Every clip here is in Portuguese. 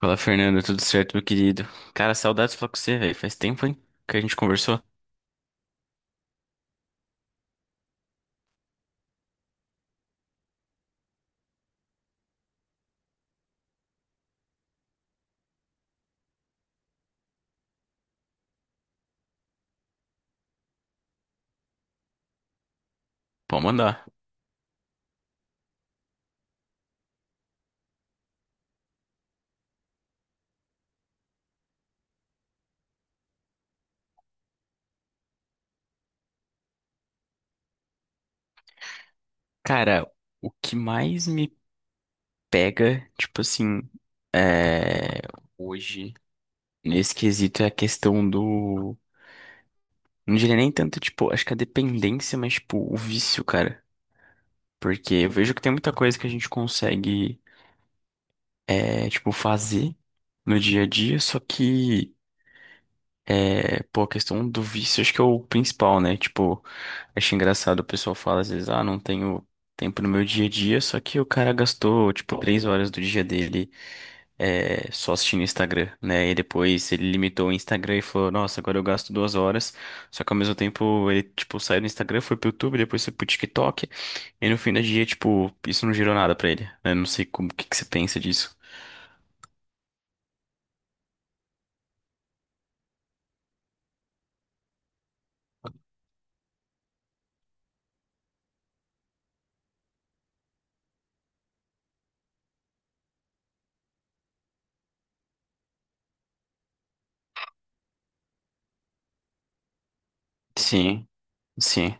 Fala, Fernando, tudo certo, meu querido? Cara, saudades de falar com você, velho. Faz tempo, hein, que a gente conversou? Pô, mandar. Cara, o que mais me pega, tipo assim, é... hoje, nesse quesito, é a questão do. Não diria nem tanto, tipo, acho que a dependência, mas, tipo, o vício, cara. Porque eu vejo que tem muita coisa que a gente consegue, tipo, fazer no dia a dia, só que. É, pô, a questão do vício, acho que é o principal, né? Tipo, acho engraçado o pessoal fala às vezes, ah, não tenho tempo no meu dia a dia, só que o cara gastou, tipo, 3 horas do dia dele só assistindo o Instagram, né? E depois ele limitou o Instagram e falou, nossa, agora eu gasto 2 horas, só que ao mesmo tempo ele, tipo, saiu do Instagram, foi pro YouTube, depois foi pro TikTok, e no fim do dia, tipo, isso não gerou nada pra ele, né? Não sei como, o que que você pensa disso. Sim, sim,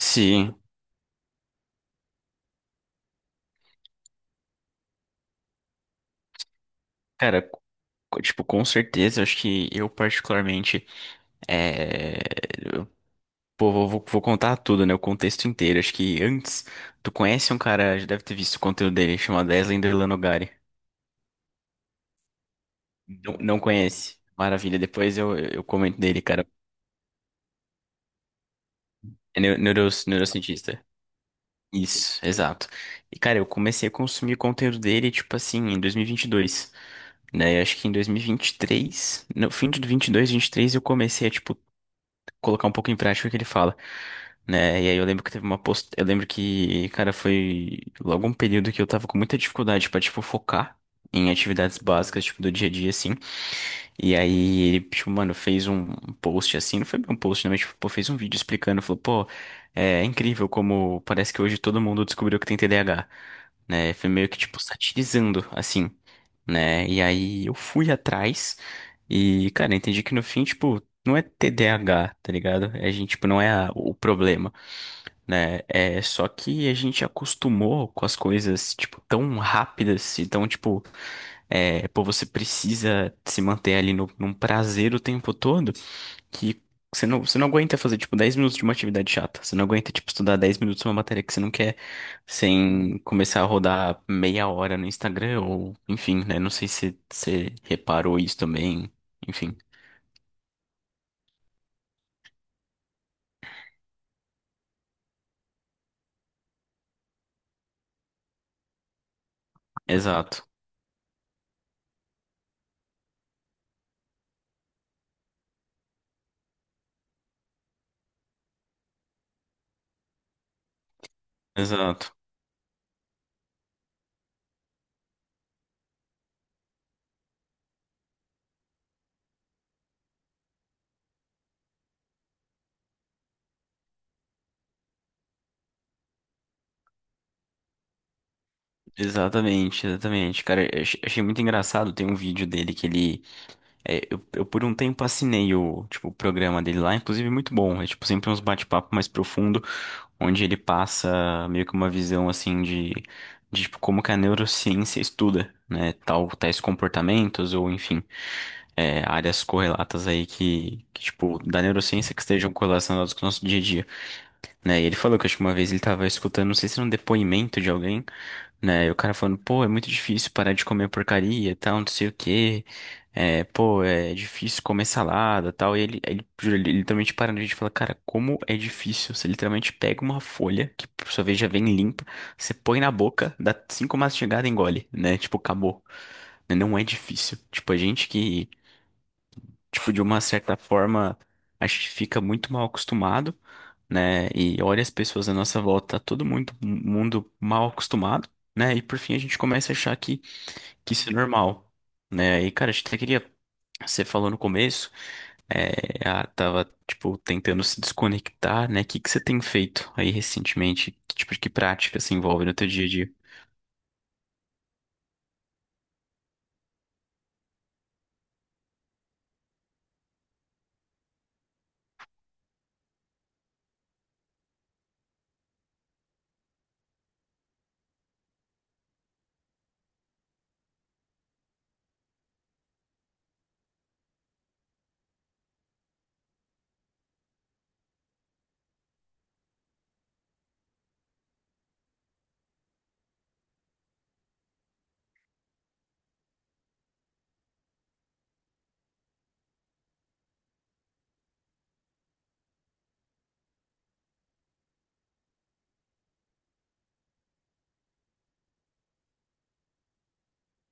sim. Cara, tipo, com certeza, acho que eu particularmente, é... eu- pô, vou contar tudo, né? O contexto inteiro. Acho que antes, tu conhece um cara, já deve ter visto o conteúdo dele, chamado Eslen Derlanogari. Não, não conhece. Maravilha, depois eu comento dele, cara. É neurocientista. Isso, exato. E, cara, eu comecei a consumir conteúdo dele, tipo assim, em dois mil e vinte e dois, né? Eu acho que em dois mil e vinte e três, no fim de dois e vinte vinte e três eu comecei a, tipo, colocar um pouco em prática o que ele fala, né? E aí eu lembro que teve uma post... eu lembro que, cara, foi logo um período que eu tava com muita dificuldade pra, tipo, focar em atividades básicas, tipo do dia a dia assim. E aí ele, tipo, mano, fez um post assim, não foi bem um post, não, mas tipo, pô, fez um vídeo explicando, falou, pô, é incrível como parece que hoje todo mundo descobriu que tem TDAH, né? Foi meio que, tipo, satirizando, assim, né? E aí eu fui atrás e, cara, entendi que no fim, tipo, não é TDAH, tá ligado? A gente, tipo, não é a- o problema, né? É só que a gente acostumou com as coisas, tipo, tão rápidas e tão, tipo. É, pô, você precisa se manter ali no, num prazer o tempo todo que você não aguenta fazer, tipo, 10 minutos de uma atividade chata. Você não aguenta, tipo, estudar 10 minutos uma matéria que você não quer sem começar a rodar meia hora no Instagram ou, enfim, né? Não sei se você reparou isso também. Enfim, exato, exato. Exatamente, exatamente. Cara, achei muito engraçado. Tem um vídeo dele que ele é, eu por um tempo assinei o, tipo, o programa dele lá, inclusive muito bom. É tipo sempre uns bate-papo mais profundo, onde ele passa meio que uma visão assim de tipo, como que a neurociência estuda, né, tal, tais comportamentos ou enfim, é, áreas correlatas aí que, tipo, da neurociência que estejam correlacionadas com o nosso dia a dia, né? E ele falou que acho que uma vez ele estava escutando, não sei se era um depoimento de alguém, né? E o cara falando, pô, é muito difícil parar de comer porcaria, tal, não sei o quê. É, pô, é difícil comer salada, tal. E ele, juro, ele literalmente para na gente e fala, cara, como é difícil. Você literalmente pega uma folha, que por sua vez já vem limpa, você põe na boca, dá 5 mastigadas e engole, né? Tipo, acabou, né? Não é difícil. Tipo, a gente que, tipo, de uma certa forma, a gente fica muito mal acostumado, né? E olha as pessoas à nossa volta, tá todo mundo, mundo mal acostumado, né? E por fim a gente começa a achar que isso é normal, né? E cara, a gente até queria, você falou no começo, é, ah, tava, tipo, tentando se desconectar, né? O que que você tem feito aí recentemente? Que tipo de que prática se envolve no teu dia a dia?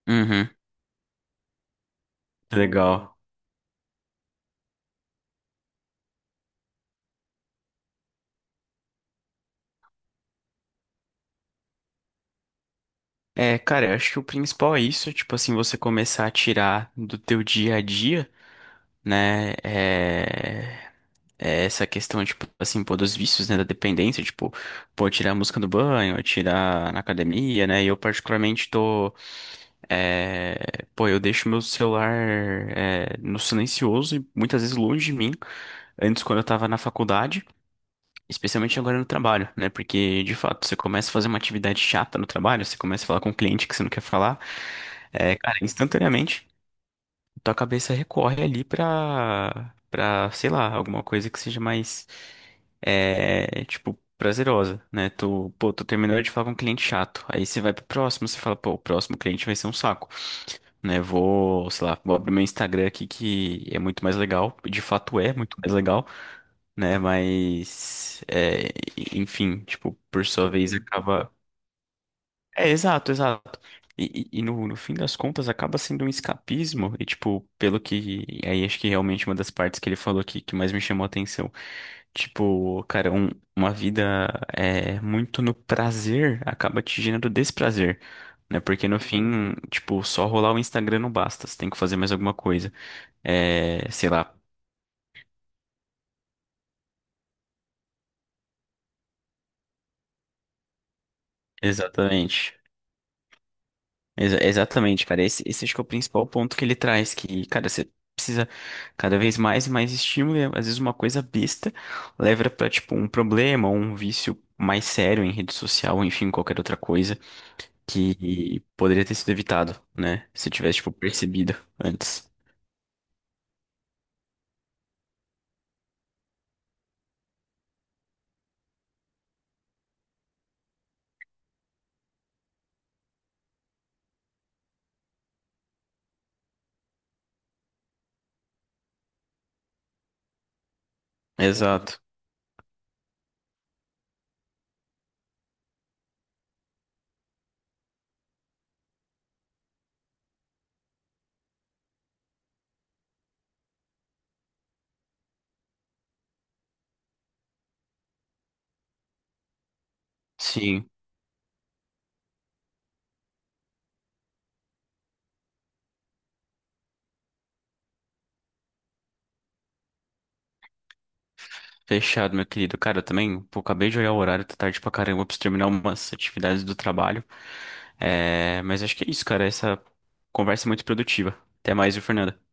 Uhum, legal. É, cara, eu acho que o principal é isso, tipo assim, você começar a tirar do teu dia a dia, né, é essa questão, tipo, assim, pô, dos vícios, né, da dependência, tipo, pô, tirar a música do banho, tirar na academia, né, e eu particularmente tô, é, pô, eu deixo meu celular, é, no silencioso e muitas vezes longe de mim, antes quando eu tava na faculdade, especialmente agora no trabalho, né, porque, de fato, você começa a fazer uma atividade chata no trabalho, você começa a falar com um cliente que você não quer falar, é, cara, instantaneamente tua cabeça recorre ali pra, pra, sei lá, alguma coisa que seja mais, é, tipo, prazerosa, né? Tu, pô, tu terminou de falar com um cliente chato, aí você vai pro próximo, você fala, pô, o próximo cliente vai ser um saco, né? Vou, sei lá, vou abrir meu Instagram aqui que é muito mais legal, de fato é muito mais legal, né? Mas, é, enfim, tipo, por sua vez acaba é, exato, exato. E, no, no fim das contas acaba sendo um escapismo, e tipo, pelo que. Aí acho que realmente uma das partes que ele falou que mais me chamou a atenção. Tipo, cara, uma vida é, muito no prazer acaba te gerando desprazer, né? Porque no fim, tipo, só rolar o Instagram não basta, você tem que fazer mais alguma coisa. É, sei lá, exatamente. Exatamente, cara. Esse acho que é o principal ponto que ele traz, que, cara, você precisa cada vez mais e mais estímulo, e é, às vezes uma coisa besta leva pra, tipo, um problema, ou um vício mais sério em rede social, enfim, qualquer outra coisa que poderia ter sido evitado, né? Se tivesse, tipo, percebido antes. Exato. Sim. Fechado, meu querido. Cara, eu também, pô, acabei de olhar o horário, tá tarde pra caramba, eu preciso terminar umas atividades do trabalho. É, mas acho que é isso, cara. Essa conversa é muito produtiva. Até mais, viu, Fernanda?